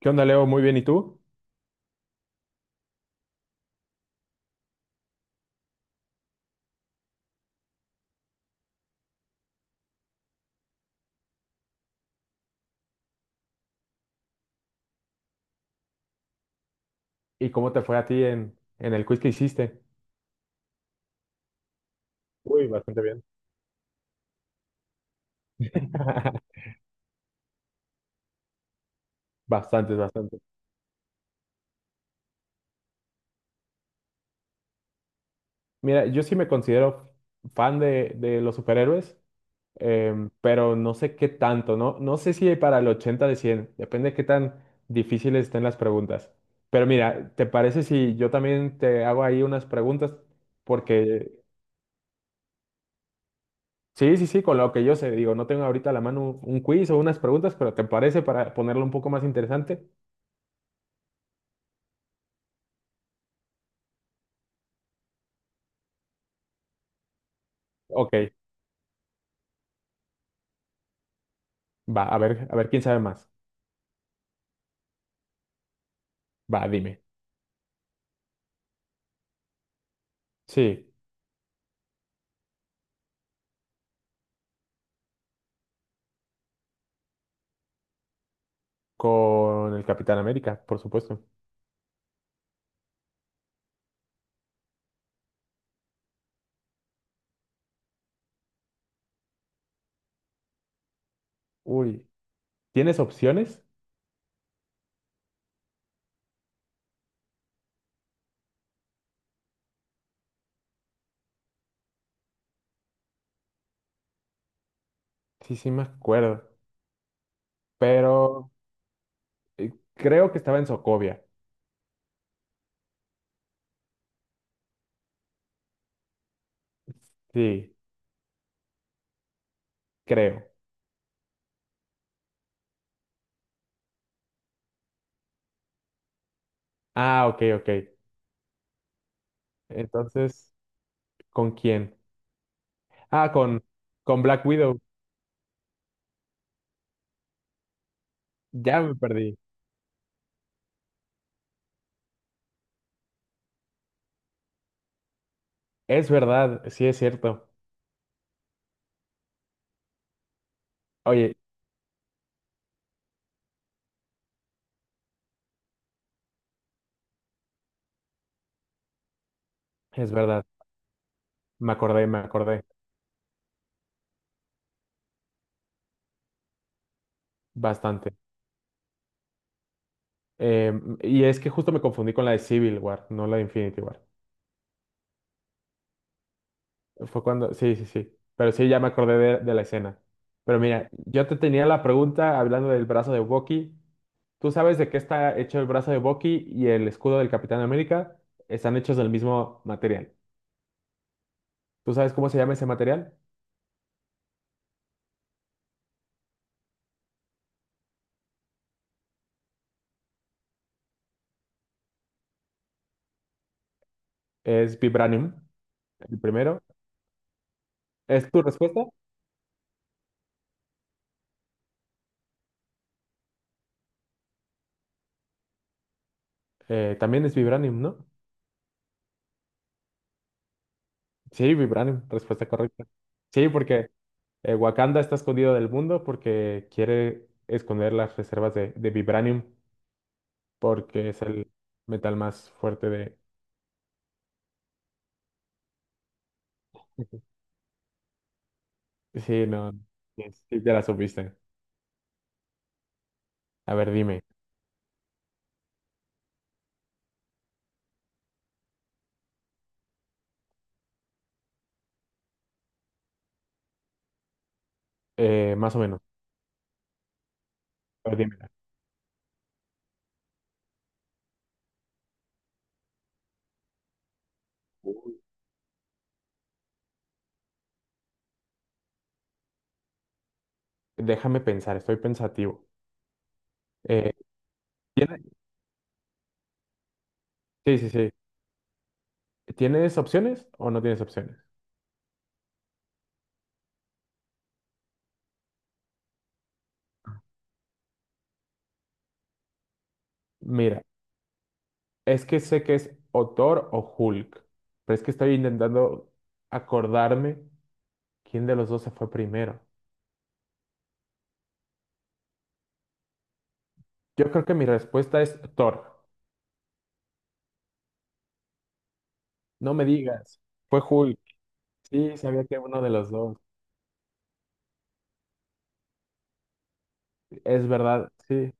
¿Qué onda, Leo? Muy bien, ¿y tú? ¿Y cómo te fue a ti en el quiz que hiciste? Uy, bastante bien. Bastantes, bastantes. Mira, yo sí me considero fan de los superhéroes, pero no sé qué tanto, ¿no? No sé si para el 80 de 100. Depende de qué tan difíciles estén las preguntas. Pero mira, ¿te parece si yo también te hago ahí unas preguntas? Porque sí, sí, sí, con lo que yo sé, digo, no tengo ahorita a la mano un quiz o unas preguntas, pero ¿te parece para ponerlo un poco más interesante? Ok. Va, a ver quién sabe más. Va, dime. Sí, con el Capitán América, por supuesto. Uy, ¿tienes opciones? Sí, sí me acuerdo, pero creo que estaba en Socovia. Sí, creo. Ah, ok, ok. Entonces, ¿con quién? Ah, con Black Widow. Ya me perdí. Es verdad, sí es cierto. Oye, es verdad. Me acordé bastante. Y es que justo me confundí con la de Civil War, no la de Infinity War. Fue cuando, sí, sí, sí. Pero sí, ya me acordé de la escena. Pero mira, yo te tenía la pregunta hablando del brazo de Bucky. ¿Tú sabes de qué está hecho el brazo de Bucky y el escudo del Capitán América? Están hechos del mismo material. ¿Tú sabes cómo se llama ese material? Es vibranium, el primero. ¿Es tu respuesta? También es vibranium, ¿no? Sí, vibranium, respuesta correcta. Sí, porque Wakanda está escondido del mundo porque quiere esconder las reservas de vibranium. Porque es el metal más fuerte de... Sí, no, sí, ya la supiste. A ver, dime, más o menos. A ver, dímela. Uy. Déjame pensar, estoy pensativo. Eh, ¿tiene- Sí, sí, sí. ¿Tienes opciones o no tienes opciones? Mira, es que sé que es o Thor o Hulk, pero es que estoy intentando acordarme quién de los dos se fue primero. Yo creo que mi respuesta es Thor. No me digas, fue Hulk. Sí, sabía que uno de los dos. Es verdad, sí.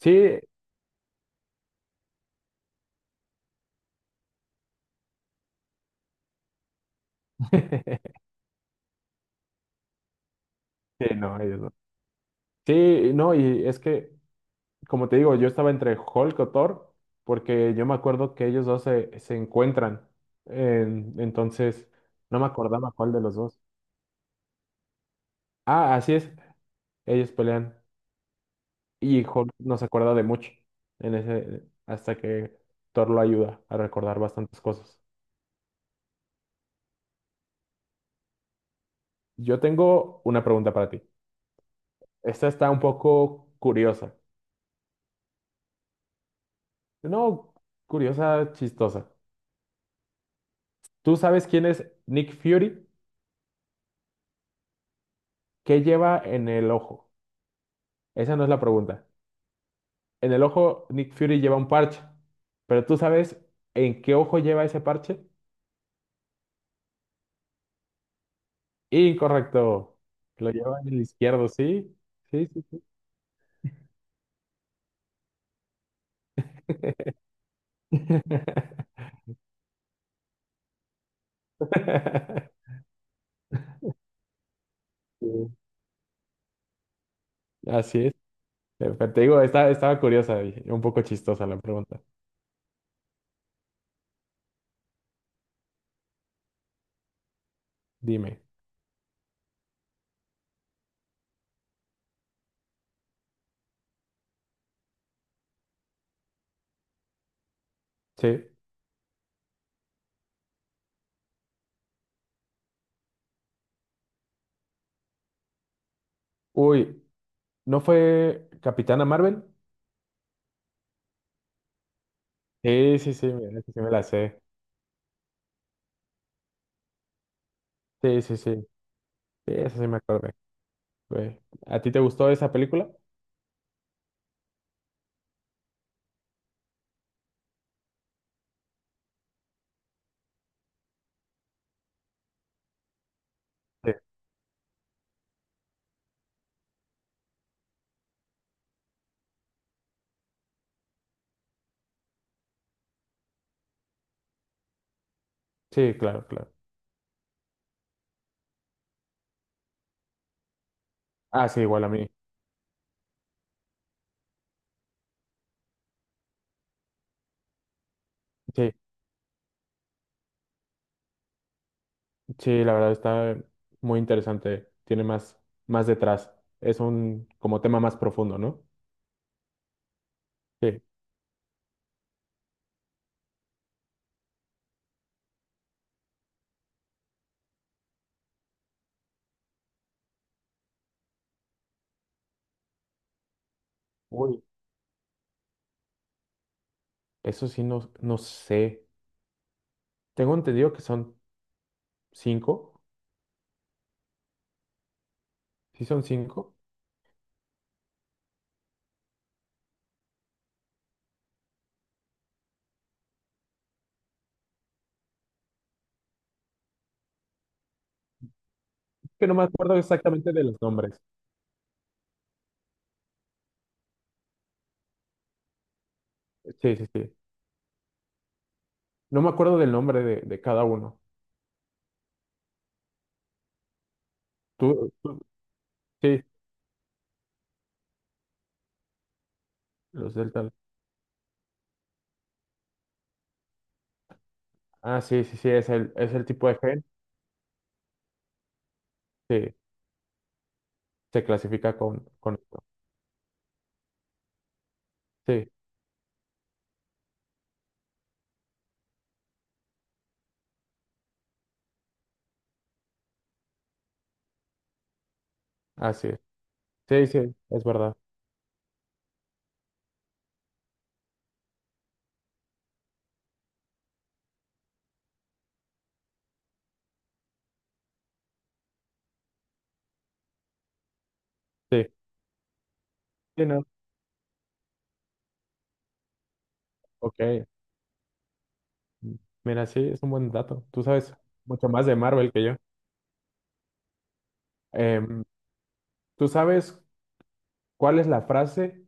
Sí, sí, no, ellos no. Sí, no, y es que, como te digo, yo estaba entre Hulk o Thor, porque yo me acuerdo que ellos dos se encuentran. Entonces no me acordaba cuál de los dos. Ah, así es, ellos pelean. Y Hulk no se acuerda de mucho hasta que Thor lo ayuda a recordar bastantes cosas. Yo tengo una pregunta para ti. Esta está un poco curiosa. No, curiosa, chistosa. ¿Tú sabes quién es Nick Fury? ¿Qué lleva en el ojo? Esa no es la pregunta. En el ojo, Nick Fury lleva un parche, pero ¿tú sabes en qué ojo lleva ese parche? Incorrecto. Lo lleva en el izquierdo, ¿sí? Sí, sí, sí. Sí. Así es. Pero te digo, estaba curiosa y un poco chistosa la pregunta. Dime. Sí. Uy, ¿no fue Capitana Marvel? Sí, sí, sí, mira, esa sí me la sé. Sí, sí, sí. Sí, esa sí me acordé. Güey. ¿A ti te gustó esa película? Sí, sí, claro, claro. Ah, sí, igual a mí. Sí, sí, la verdad está muy interesante. Tiene más, más detrás. Es un como tema más profundo, ¿no? Sí. Uy, eso sí no, no sé. Tengo entendido que son cinco. Sí, son cinco. Que no me acuerdo exactamente de los nombres. Sí, sí, sí. No me acuerdo del nombre de cada uno. Tú, tú- sí, los delta. Ah, sí, sí, sí, es el, tipo de gen. Sí, se clasifica con esto. Sí, así es. Sí, sí, es verdad. Sí, sí, no. Ok. Mm, mira, sí, es un buen dato. Tú sabes mucho más de Marvel que yo. Em, ¿tú sabes cuál es la frase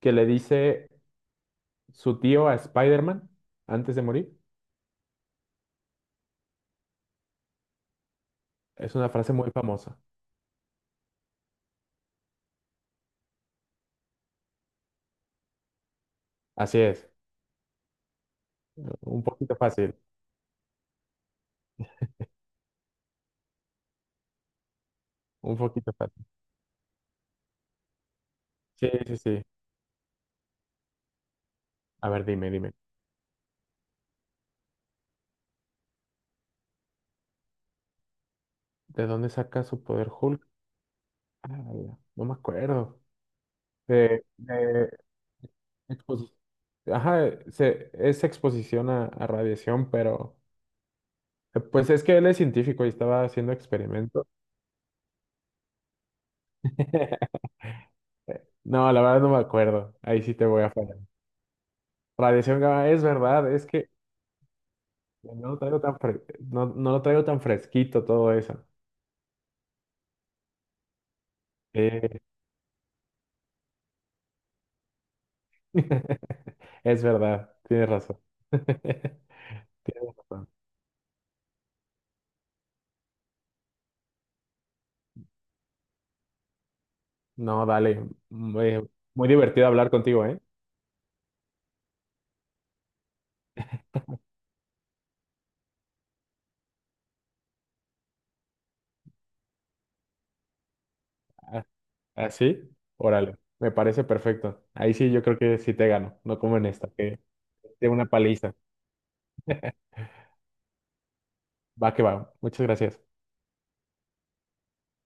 que le dice su tío a Spider-Man antes de morir? Es una frase muy famosa. Así es. Un poquito fácil. Un poquito fácil. Sí, sí, sí. A ver, dime, dime. ¿De dónde saca su poder Hulk? Ah, no me acuerdo. De, de exposi- Ajá, es exposición a radiación, pero pues es que él es científico y estaba haciendo experimentos. No, la verdad no me acuerdo. Ahí sí te voy a fallar. Radiación gamma, es verdad, es que no lo traigo tan, no, no lo traigo tan fresquito todo eso. Eh, es verdad, tienes razón. Tienes razón. No, dale. Muy, muy divertido hablar contigo, ¿eh? ¿Ah? ¿Así? Órale, me parece perfecto. Ahí sí yo creo que sí te gano, no como en esta, que de una paliza. Va que va. Muchas gracias.